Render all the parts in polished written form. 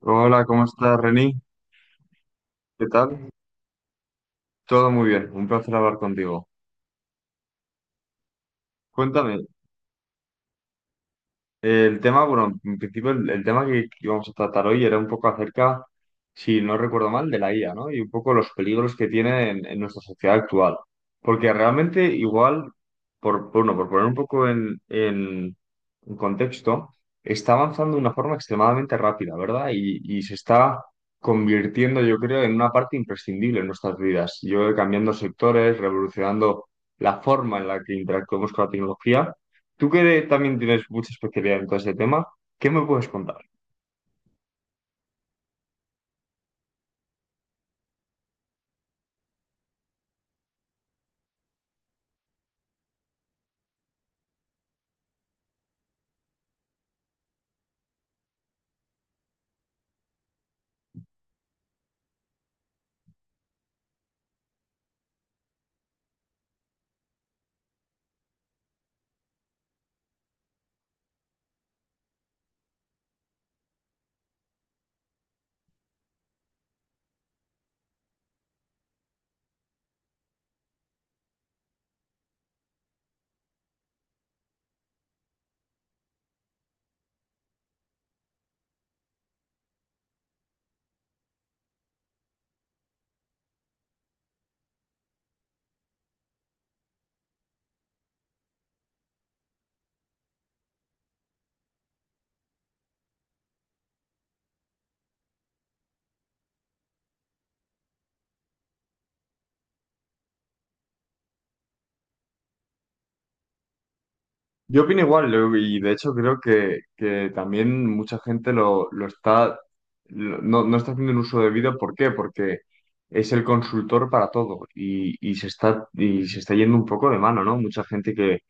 Hola, ¿cómo estás, Reni? ¿Qué tal? Todo muy bien, un placer hablar contigo. Cuéntame. En principio el tema que íbamos a tratar hoy era un poco acerca, si no recuerdo mal, de la IA, ¿no? Y un poco los peligros que tiene en nuestra sociedad actual. Porque realmente igual, por poner un poco en contexto, está avanzando de una forma extremadamente rápida, ¿verdad? Y se está convirtiendo, yo creo, en una parte imprescindible en nuestras vidas. Yo cambiando sectores, revolucionando la forma en la que interactuamos con la tecnología. Tú que también tienes mucha especialidad en todo ese tema, ¿qué me puedes contar? Yo opino igual, y de hecho creo que también mucha gente lo está, no, no está haciendo un uso debido. ¿Por qué? Porque es el consultor para todo y se está, y se está yendo un poco de mano, ¿no? Mucha gente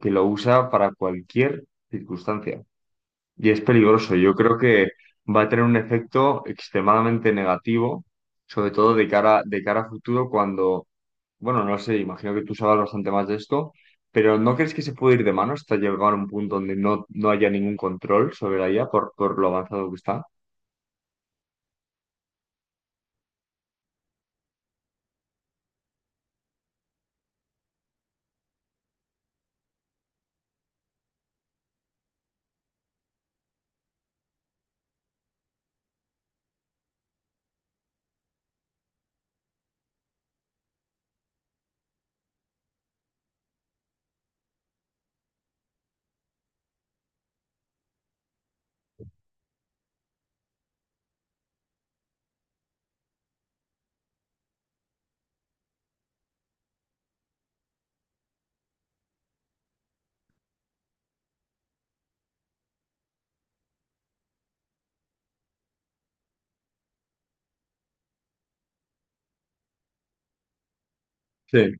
que lo usa para cualquier circunstancia. Y es peligroso. Yo creo que va a tener un efecto extremadamente negativo, sobre todo de cara a futuro, cuando, bueno, no sé, imagino que tú sabes bastante más de esto, pero ¿no crees que se puede ir de mano hasta llegar a un punto donde no haya ningún control sobre la IA por lo avanzado que está? Sí.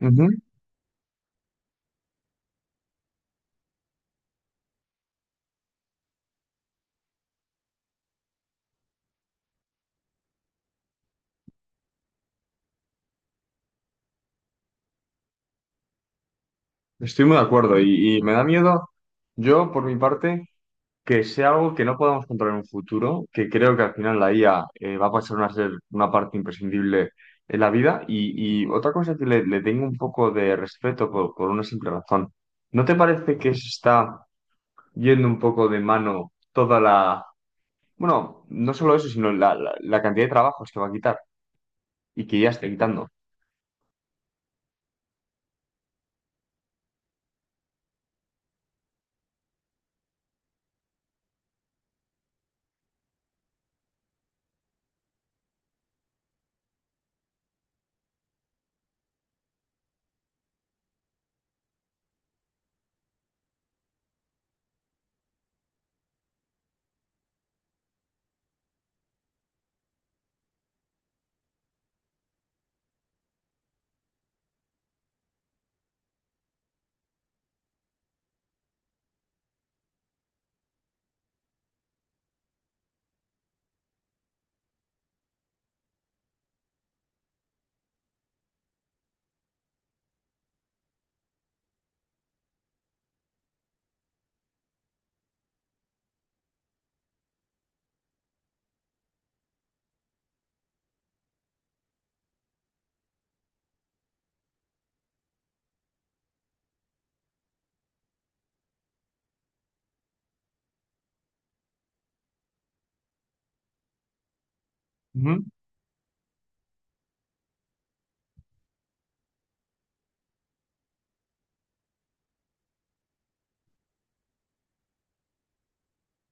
Ujú. Estoy muy de acuerdo y me da miedo, yo por mi parte, que sea algo que no podamos controlar en un futuro, que creo que al final la IA va a pasar a ser una parte imprescindible en la vida y otra cosa que le tengo un poco de respeto por una simple razón. ¿No te parece que se está yendo un poco de mano toda la... Bueno, no solo eso, sino la cantidad de trabajos que va a quitar y que ya está quitando?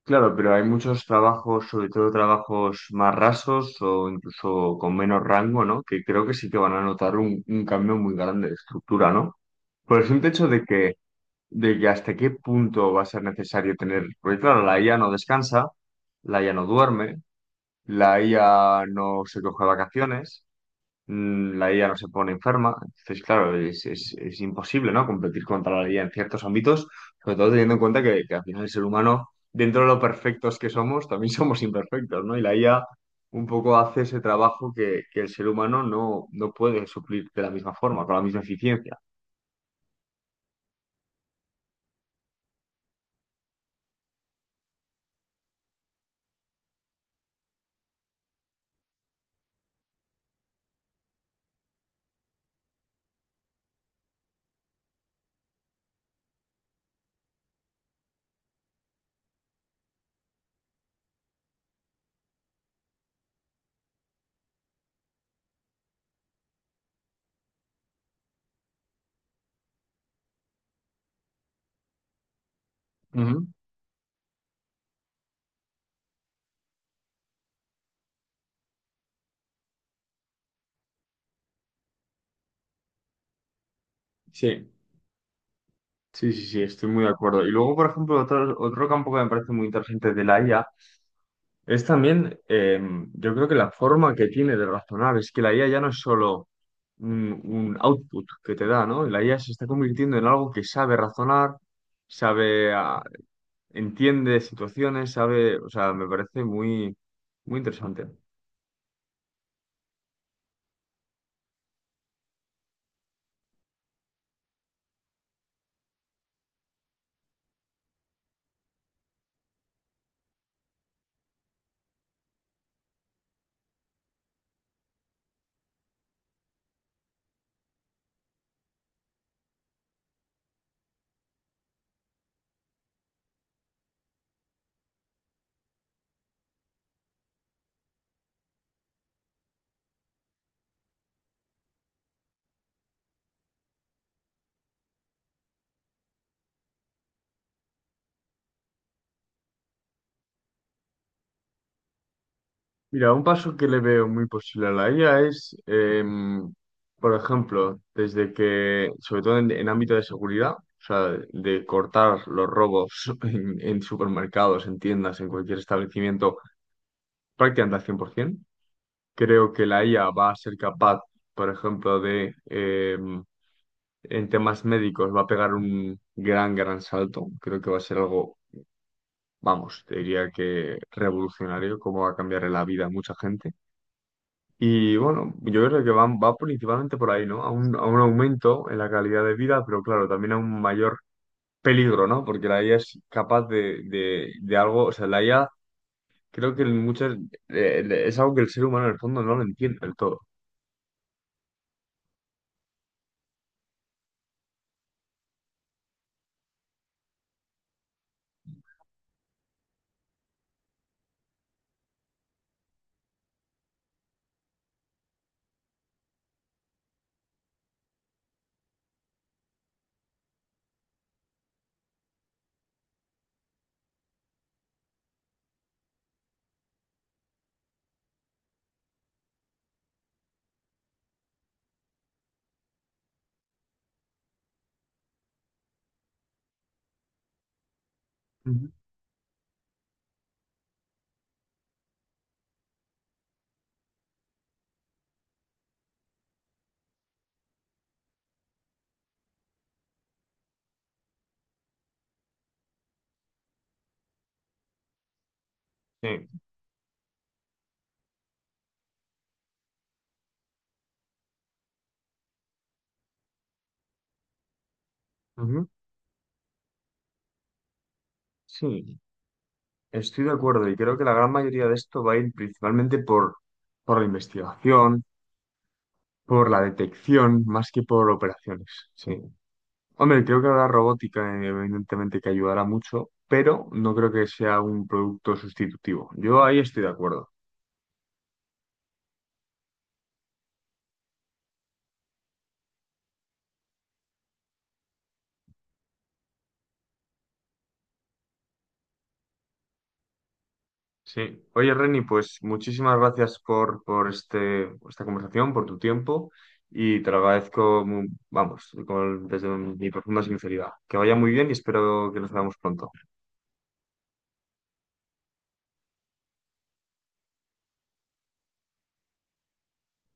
Claro, pero hay muchos trabajos, sobre todo trabajos más rasos o incluso con menos rango, ¿no? Que creo que sí que van a notar un cambio muy grande de estructura, ¿no? Por el simple hecho de que hasta qué punto va a ser necesario tener, porque claro, la IA no descansa, la IA no duerme, la IA no se coge vacaciones, la IA no se pone enferma. Entonces, claro, es, es imposible, ¿no? Competir contra la IA en ciertos ámbitos, sobre todo teniendo en cuenta que al final el ser humano, dentro de lo perfectos que somos, también somos imperfectos, ¿no? Y la IA un poco hace ese trabajo que el ser humano no puede suplir de la misma forma, con la misma eficiencia. Ujú. Sí, sí, sí, sí, estoy muy de acuerdo. Y luego, por ejemplo, otro campo que me parece muy interesante de la IA es también. Yo creo que la forma que tiene de razonar es que la IA ya no es solo un output que te da, ¿no? La IA se está convirtiendo en algo que sabe razonar, sabe, entiende situaciones, sabe, o sea, me parece muy interesante. Mira, un paso que le veo muy posible a la IA es, por ejemplo, desde que, sobre todo en ámbito de seguridad, o sea, de cortar los robos en supermercados, en tiendas, en cualquier establecimiento prácticamente al 100%. Creo que la IA va a ser capaz, por ejemplo, en temas médicos, va a pegar un gran salto. Creo que va a ser algo, vamos, te diría que revolucionario, cómo va a cambiar la vida a mucha gente. Y bueno, yo creo que va principalmente por ahí, ¿no? A a un aumento en la calidad de vida, pero claro, también a un mayor peligro, ¿no? Porque la IA es capaz de algo, o sea, la IA creo que en muchas, es algo que el ser humano en el fondo no lo entiende del todo. Sí, ujú. Sí, estoy de acuerdo y creo que la gran mayoría de esto va a ir principalmente por la investigación, por la detección, más que por operaciones. Sí. Hombre, creo que habrá robótica, evidentemente, que ayudará mucho, pero no creo que sea un producto sustitutivo. Yo ahí estoy de acuerdo. Sí. Oye, Reni, pues muchísimas gracias por este, esta conversación, por tu tiempo y te lo agradezco, vamos, desde mi profunda sinceridad. Que vaya muy bien y espero que nos veamos pronto.